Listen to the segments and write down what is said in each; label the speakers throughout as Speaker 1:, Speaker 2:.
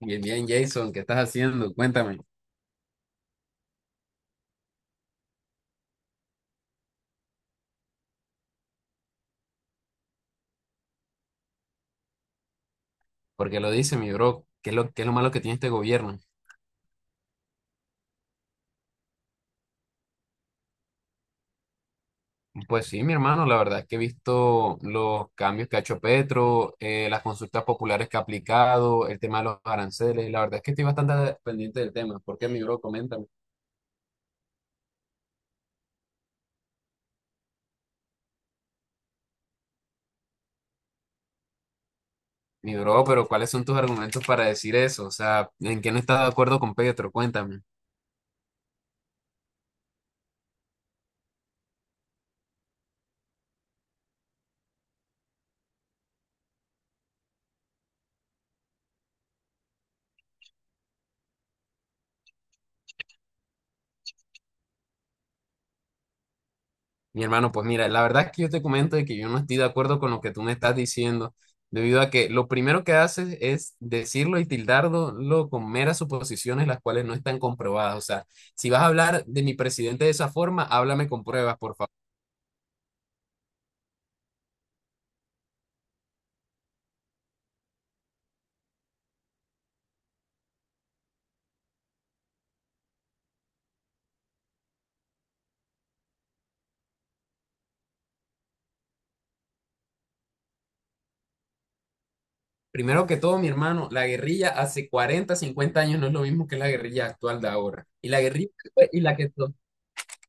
Speaker 1: Bien, bien, Jason, ¿qué estás haciendo? Cuéntame. Porque lo dice, mi bro? ¿Qué es qué es lo malo que tiene este gobierno? Pues sí, mi hermano, la verdad es que he visto los cambios que ha hecho Petro, las consultas populares que ha aplicado, el tema de los aranceles. La verdad es que estoy bastante pendiente del tema. ¿Por qué, mi bro? Coméntame. Mi bro, pero ¿cuáles son tus argumentos para decir eso? O sea, ¿en qué no estás de acuerdo con Petro? Cuéntame. Mi hermano, pues mira, la verdad es que yo te comento de que yo no estoy de acuerdo con lo que tú me estás diciendo, debido a que lo primero que haces es decirlo y tildarlo con meras suposiciones las cuales no están comprobadas. O sea, si vas a hablar de mi presidente de esa forma, háblame con pruebas, por favor. Primero que todo, mi hermano, la guerrilla hace 40, 50 años no es lo mismo que la guerrilla actual de ahora. Y la guerrilla y la que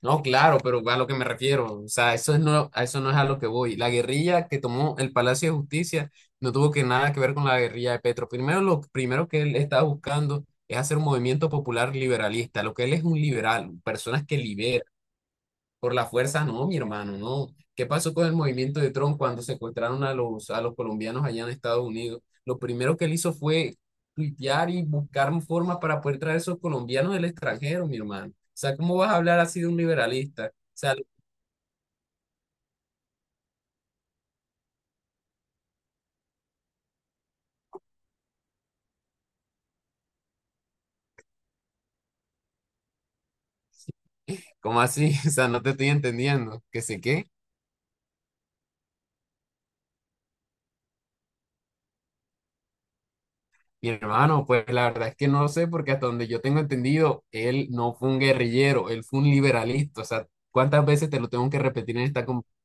Speaker 1: No, claro, pero a lo que me refiero, o sea, eso es no, a eso no es a lo que voy. La guerrilla que tomó el Palacio de Justicia no tuvo que nada que ver con la guerrilla de Petro. Primero, lo primero que él está buscando es hacer un movimiento popular liberalista. Lo que él es un liberal, personas que liberan. Por la fuerza, no, mi hermano, no. ¿Qué pasó con el movimiento de Trump cuando secuestraron a los colombianos allá en Estados Unidos? Lo primero que él hizo fue tuitear y buscar formas para poder traer esos colombianos del extranjero, mi hermano. O sea, ¿cómo vas a hablar así de un liberalista? O sea, ¿cómo así? O sea, no te estoy entendiendo. ¿Qué sé qué? Mi hermano, pues la verdad es que no lo sé porque hasta donde yo tengo entendido, él no fue un guerrillero, él fue un liberalista. O sea, ¿cuántas veces te lo tengo que repetir en esta conversación?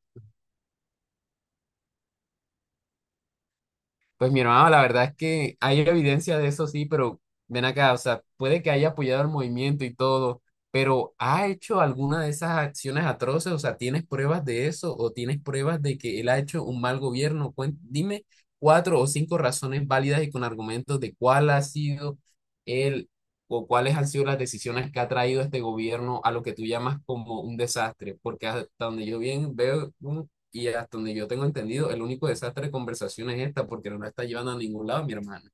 Speaker 1: Pues mi hermano, la verdad es que hay evidencia de eso, sí, pero ven acá, o sea, puede que haya apoyado el movimiento y todo, pero ¿ha hecho alguna de esas acciones atroces? O sea, ¿tienes pruebas de eso o tienes pruebas de que él ha hecho un mal gobierno? Dime 4 o 5 razones válidas y con argumentos de cuál ha sido él o cuáles han sido las decisiones que ha traído este gobierno a lo que tú llamas como un desastre, porque hasta donde yo bien veo, y hasta donde yo tengo entendido, el único desastre de conversación es esta porque no la está llevando a ningún lado mi hermano.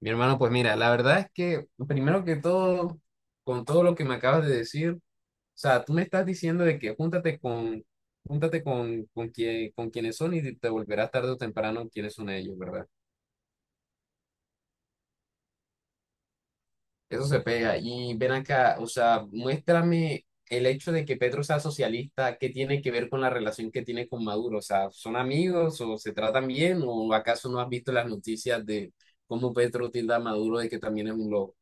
Speaker 1: Mi hermano, pues mira, la verdad es que primero que todo, con todo lo que me acabas de decir, o sea, tú me estás diciendo de que júntate con quien, con quienes son y te volverás tarde o temprano quienes son ellos, ¿verdad? Eso se pega. Y ven acá, o sea, muéstrame el hecho de que Petro sea socialista, ¿qué tiene que ver con la relación que tiene con Maduro? O sea, ¿son amigos o se tratan bien? ¿O acaso no has visto las noticias de cómo Petro tilda a Maduro de que también es un loco?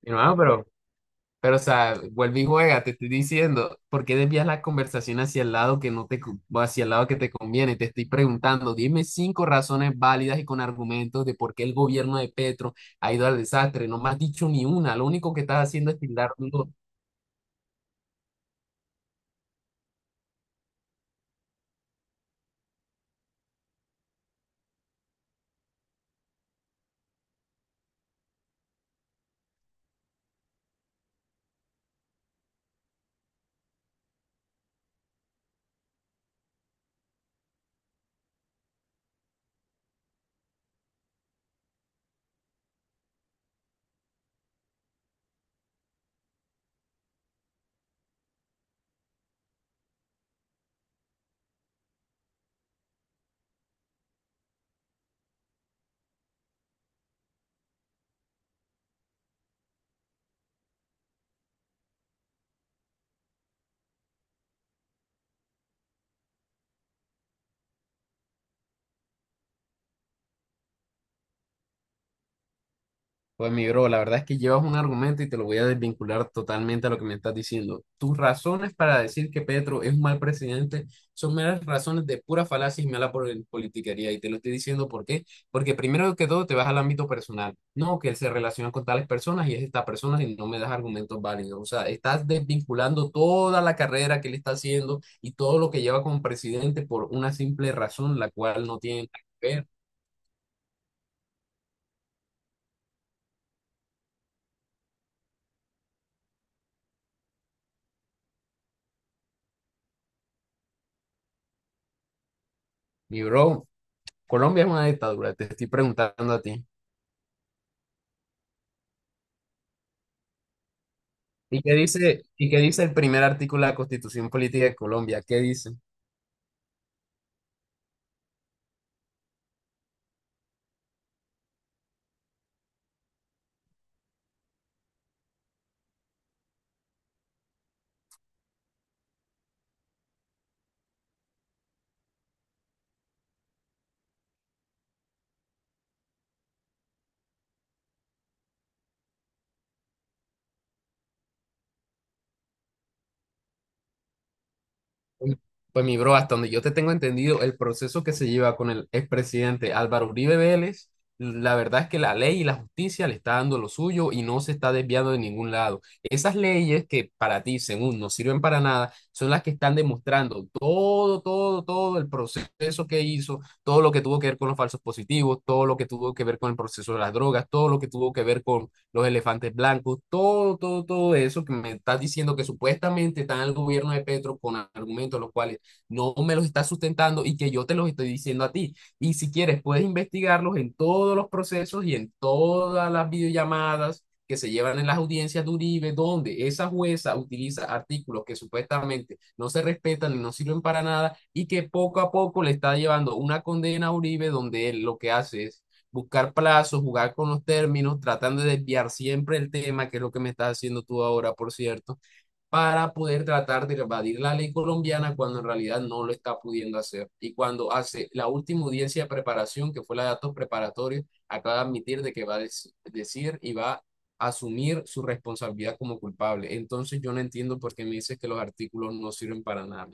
Speaker 1: Mi hermano, pero, o sea, vuelve y juega, te estoy diciendo, ¿por qué desvías la conversación hacia el lado que no te, hacia el lado que te conviene? Te estoy preguntando, dime 5 razones válidas y con argumentos de por qué el gobierno de Petro ha ido al desastre. No me has dicho ni una, lo único que estás haciendo es tildar. Pues mi bro, la verdad es que llevas un argumento y te lo voy a desvincular totalmente a lo que me estás diciendo. Tus razones para decir que Petro es un mal presidente son meras razones de pura falacia y mala politiquería. Y te lo estoy diciendo ¿por qué? Porque primero que todo te vas al ámbito personal. No, que él se relaciona con tales personas y es esta persona y no me das argumentos válidos. O sea, estás desvinculando toda la carrera que él está haciendo y todo lo que lleva como presidente por una simple razón, la cual no tiene nada que ver. Mi bro, Colombia es una dictadura, te estoy preguntando a ti. Y qué dice el primer artículo de la Constitución Política de Colombia? ¿Qué dice? Pues mi bro, hasta donde yo te tengo entendido, el proceso que se lleva con el expresidente Álvaro Uribe Vélez, la verdad es que la ley y la justicia le está dando lo suyo y no se está desviando de ningún lado. Esas leyes que para ti, según, no sirven para nada, son las que están demostrando todo, todo, todo el proceso que hizo, todo lo que tuvo que ver con los falsos positivos, todo lo que tuvo que ver con el proceso de las drogas, todo lo que tuvo que ver con los elefantes blancos, todo, todo, todo eso que me estás diciendo que supuestamente está en el gobierno de Petro con argumentos los cuales no me los está sustentando y que yo te los estoy diciendo a ti. Y si quieres, puedes investigarlos en todos los procesos y en todas las videollamadas que se llevan en las audiencias de Uribe, donde esa jueza utiliza artículos que supuestamente no se respetan y no sirven para nada y que poco a poco le está llevando una condena a Uribe donde él lo que hace es buscar plazos, jugar con los términos, tratando de desviar siempre el tema, que es lo que me estás haciendo tú ahora, por cierto, para poder tratar de evadir la ley colombiana cuando en realidad no lo está pudiendo hacer. Y cuando hace la última audiencia de preparación, que fue la de datos preparatorios, acaba de admitir de que va a decir y va a asumir su responsabilidad como culpable. Entonces yo no entiendo por qué me dices que los artículos no sirven para nada.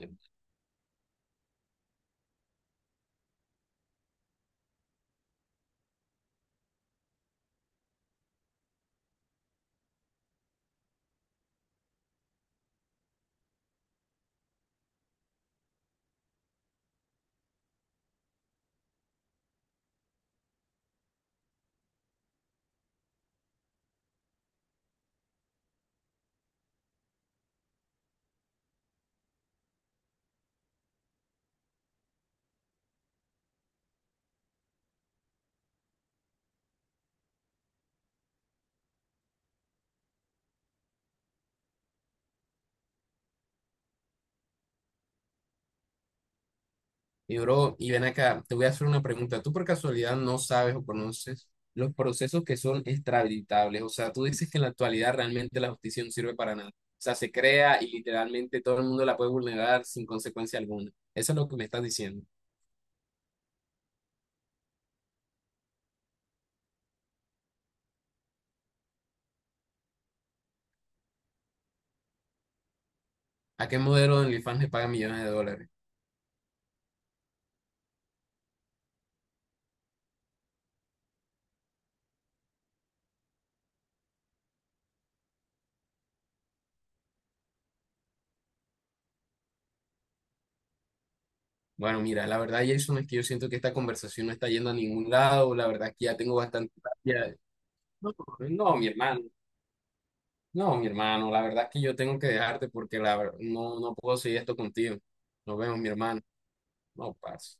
Speaker 1: Y bro, y ven acá, te voy a hacer una pregunta. ¿Tú por casualidad no sabes o conoces los procesos que son extraditables? O sea, tú dices que en la actualidad realmente la justicia no sirve para nada. O sea, se crea y literalmente todo el mundo la puede vulnerar sin consecuencia alguna. Eso es lo que me estás diciendo. ¿A qué modelo de OnlyFans le pagan millones de dólares? Bueno, mira, la verdad, Jason, es que yo siento que esta conversación no está yendo a ningún lado. La verdad es que ya tengo bastante. ya- No, no, mi hermano. No, mi hermano, la verdad es que yo tengo que dejarte porque no, no puedo seguir esto contigo. Nos vemos, mi hermano. No, pasa.